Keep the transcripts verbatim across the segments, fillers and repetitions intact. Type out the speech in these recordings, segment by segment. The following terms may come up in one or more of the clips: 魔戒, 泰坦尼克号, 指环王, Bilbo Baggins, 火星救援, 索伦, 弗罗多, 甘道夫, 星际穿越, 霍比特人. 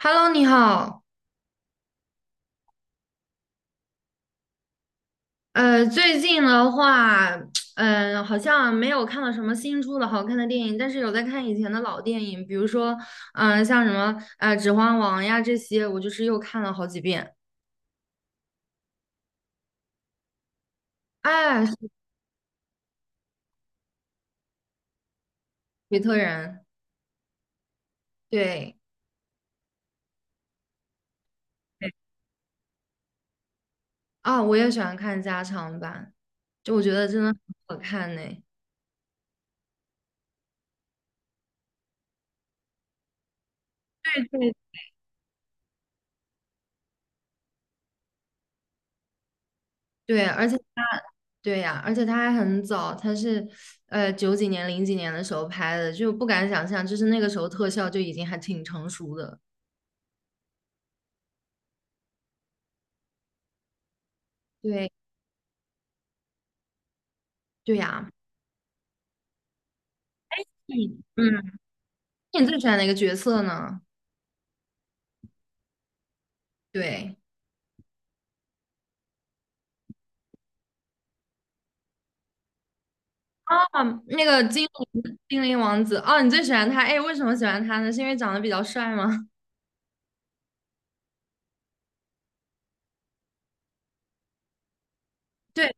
Hello，你好。呃，最近的话，嗯、好像没有看到什么新出的好看的电影，但是有在看以前的老电影，比如说，嗯、像什么呃《指环王》呀这些，我就是又看了好几遍。哎，比特人，对，对啊、我也喜欢看加长版，就我觉得真的很好看呢。对，对而且对呀、而且它还很早，它是呃九几年、零几年的时候拍的，就不敢想象，就是那个时候特效就已经还挺成熟的。对对呀，嗯嗯，那你最喜欢哪个角色呢？对啊，那个精灵精灵王子哦，你最喜欢他？哎，为什么喜欢他呢？是因为长得比较帅吗？对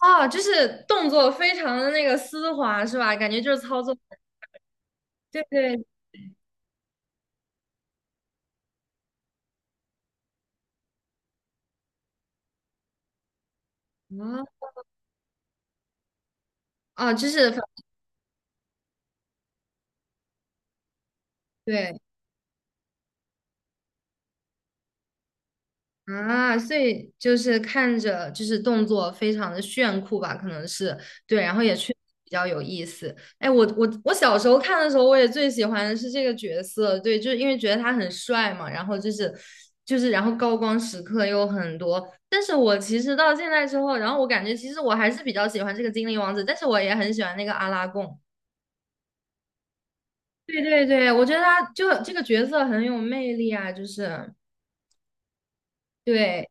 哦，就是动作非常的那个丝滑，是吧？感觉就是操作，对对啊啊，就是反对啊，所以就是看着就是动作非常的炫酷吧，可能是对，然后也确实比较有意思。哎，我我我小时候看的时候，我也最喜欢的是这个角色，对，就是因为觉得他很帅嘛，然后就是就是然后高光时刻又很多。但是我其实到现在之后，然后我感觉其实我还是比较喜欢这个精灵王子，但是我也很喜欢那个阿拉贡。对对对，我觉得他就这个角色很有魅力啊，就是对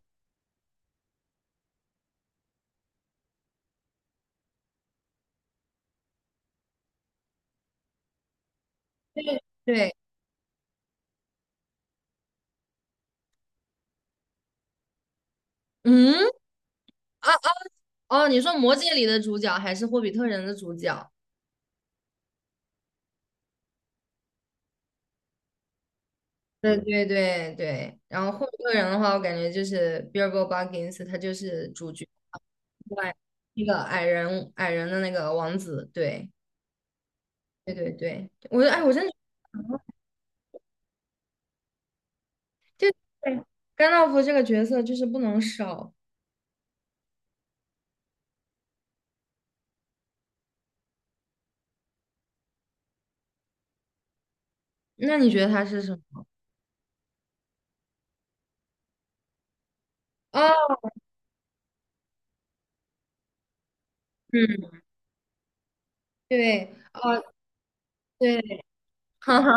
对，嗯。啊。哦，你说《魔戒》里的主角还是《霍比特人》的主角？对对对对。然后《霍比特人》的话，我感觉就是 Bilbo Baggins,他就是主角，另外那个矮人矮人的那个王子。对对对对，我哎，我真的就对甘道夫这个角色就是不能少。那你觉得他是什么？哦，嗯，对，哦，对，哈哈。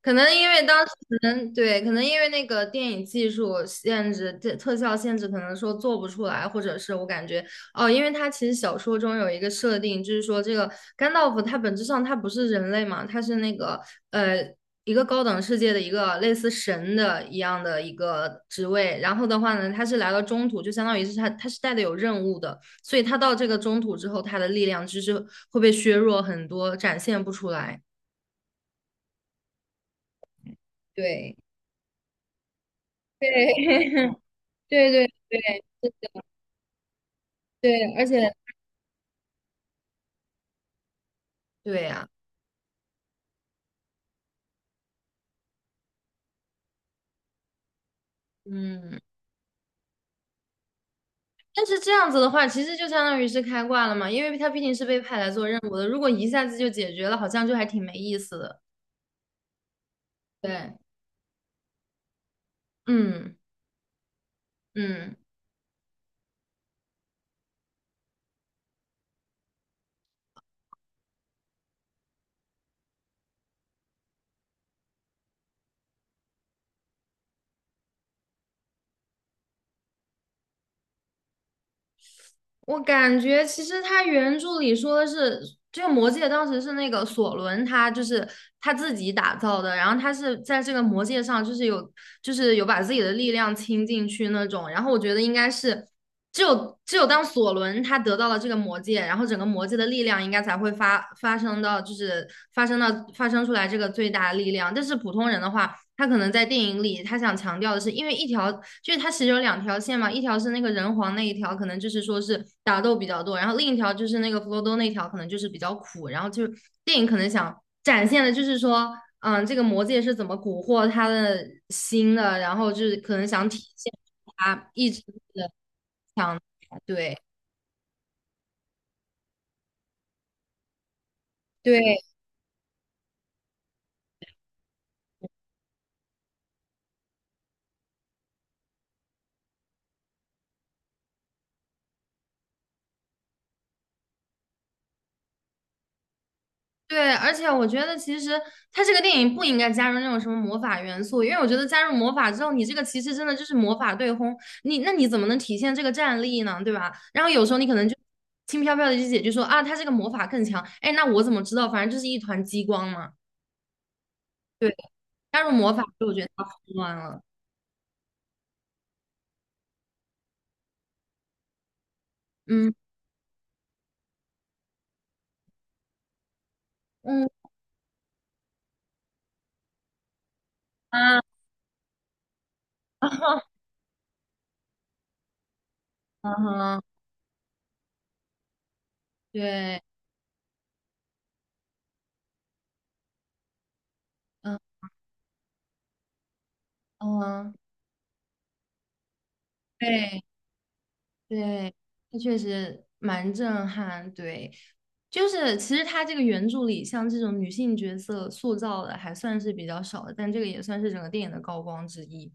可能因为当时可能对，可能因为那个电影技术限制、特特效限制，可能说做不出来，或者是我感觉哦，因为它其实小说中有一个设定，就是说这个甘道夫他本质上他不是人类嘛，他是那个呃一个高等世界的一个类似神的一样的一个职位，然后的话呢，他是来到中土，就相当于是他他是带的有任务的，所以他到这个中土之后，他的力量就是会被削弱很多，展现不出来。对，对，对对对对，而且对呀，嗯，但是这样子的话，其实就相当于是开挂了嘛，因为他毕竟是被派来做任务的，如果一下子就解决了，好像就还挺没意思的。对，嗯嗯。我感觉其实他原著里说的是，这个魔戒当时是那个索伦他就是他自己打造的，然后他是在这个魔戒上就是有就是有把自己的力量倾进去那种，然后我觉得应该是只有只有当索伦他得到了这个魔戒，然后整个魔戒的力量应该才会发发生到就是发生到发生出来这个最大的力量，但是普通人的话。他可能在电影里，他想强调的是，因为一条就是他其实有两条线嘛，一条是那个人皇那一条，可能就是说是打斗比较多，然后另一条就是那个弗罗多那条，可能就是比较苦。然后就是电影可能想展现的就是说，嗯，这个魔戒是怎么蛊惑他的心的，然后就是可能想体现他一直的强大对对，对，而且我觉得其实它这个电影不应该加入那种什么魔法元素，因为我觉得加入魔法之后，你这个其实真的就是魔法对轰，你那你怎么能体现这个战力呢？对吧？然后有时候你可能就轻飘飘的就解决说啊，他这个魔法更强，哎，那我怎么知道？反正就是一团激光嘛。对，加入魔法之我觉得它混乱了。嗯嗯啊 啊哈，对，嗯嗯，对。对，它确实蛮震撼。对，就是其实它这个原著里，像这种女性角色塑造的还算是比较少的，但这个也算是整个电影的高光之一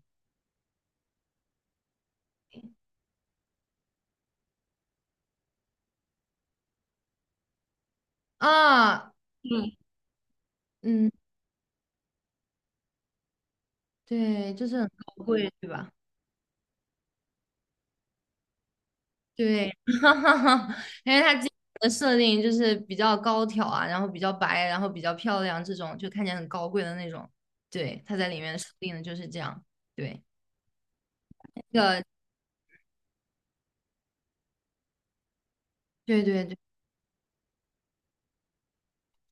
啊。嗯，嗯，对，就是很高贵，对吧？对，因为它基本的设定就是比较高挑啊，然后比较白，然后比较漂亮，这种就看起来很高贵的那种。对，它在里面设定的就是这样。对，那个，对对对。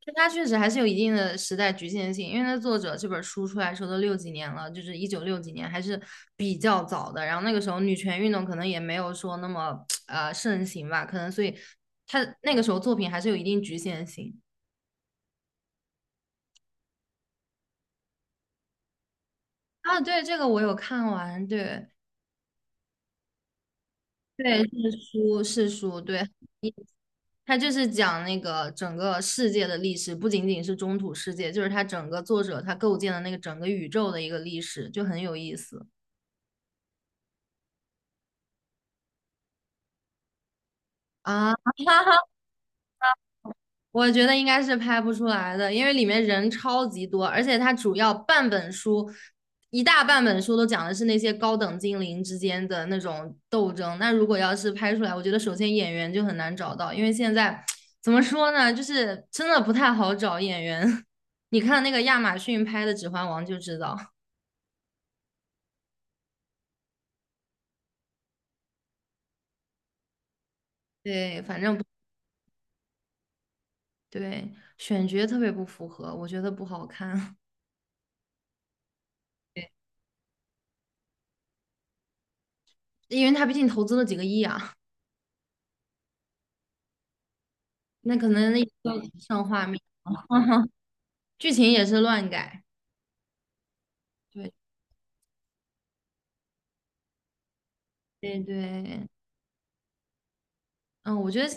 但它确实还是有一定的时代局限性，因为它作者这本书出来的时候都六几年了，就是一九六几年，还是比较早的。然后那个时候女权运动可能也没有说那么呃盛行吧，可能所以它那个时候作品还是有一定局限性啊。对，这个我有看完，对对是书是书，对，一它就是讲那个整个世界的历史，不仅仅是中土世界，就是它整个作者他构建的那个整个宇宙的一个历史，就很有意思啊。我觉得应该是拍不出来的，因为里面人超级多，而且它主要半本书，一大半本书都讲的是那些高等精灵之间的那种斗争。那如果要是拍出来，我觉得首先演员就很难找到，因为现在怎么说呢，就是真的不太好找演员。你看那个亚马逊拍的《指环王》就知道，对，反正不对，选角特别不符合，我觉得不好看。对，因为他毕竟投资了几个亿啊，那可能那要上画面。剧情也是乱改。对，对对，嗯，我觉得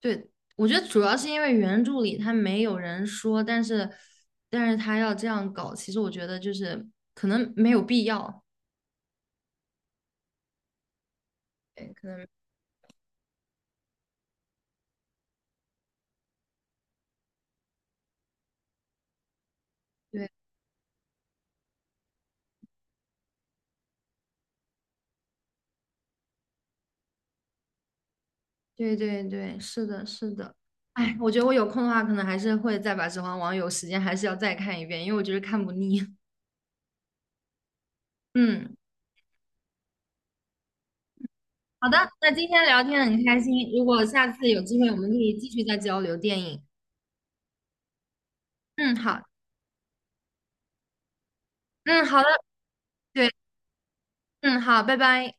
对，我觉得主要是因为原著里他没有人说，但是但是他要这样搞，其实我觉得就是可能没有必要，对，可能对对对对，是的，是的。哎，我觉得我有空的话，可能还是会再把《指环王》有时间还是要再看一遍，因为我觉得看不腻。嗯，好的，那今天聊天很开心，如果下次有机会，我们可以继续再交流电影。嗯，好，嗯，好的，对，嗯，好，拜拜。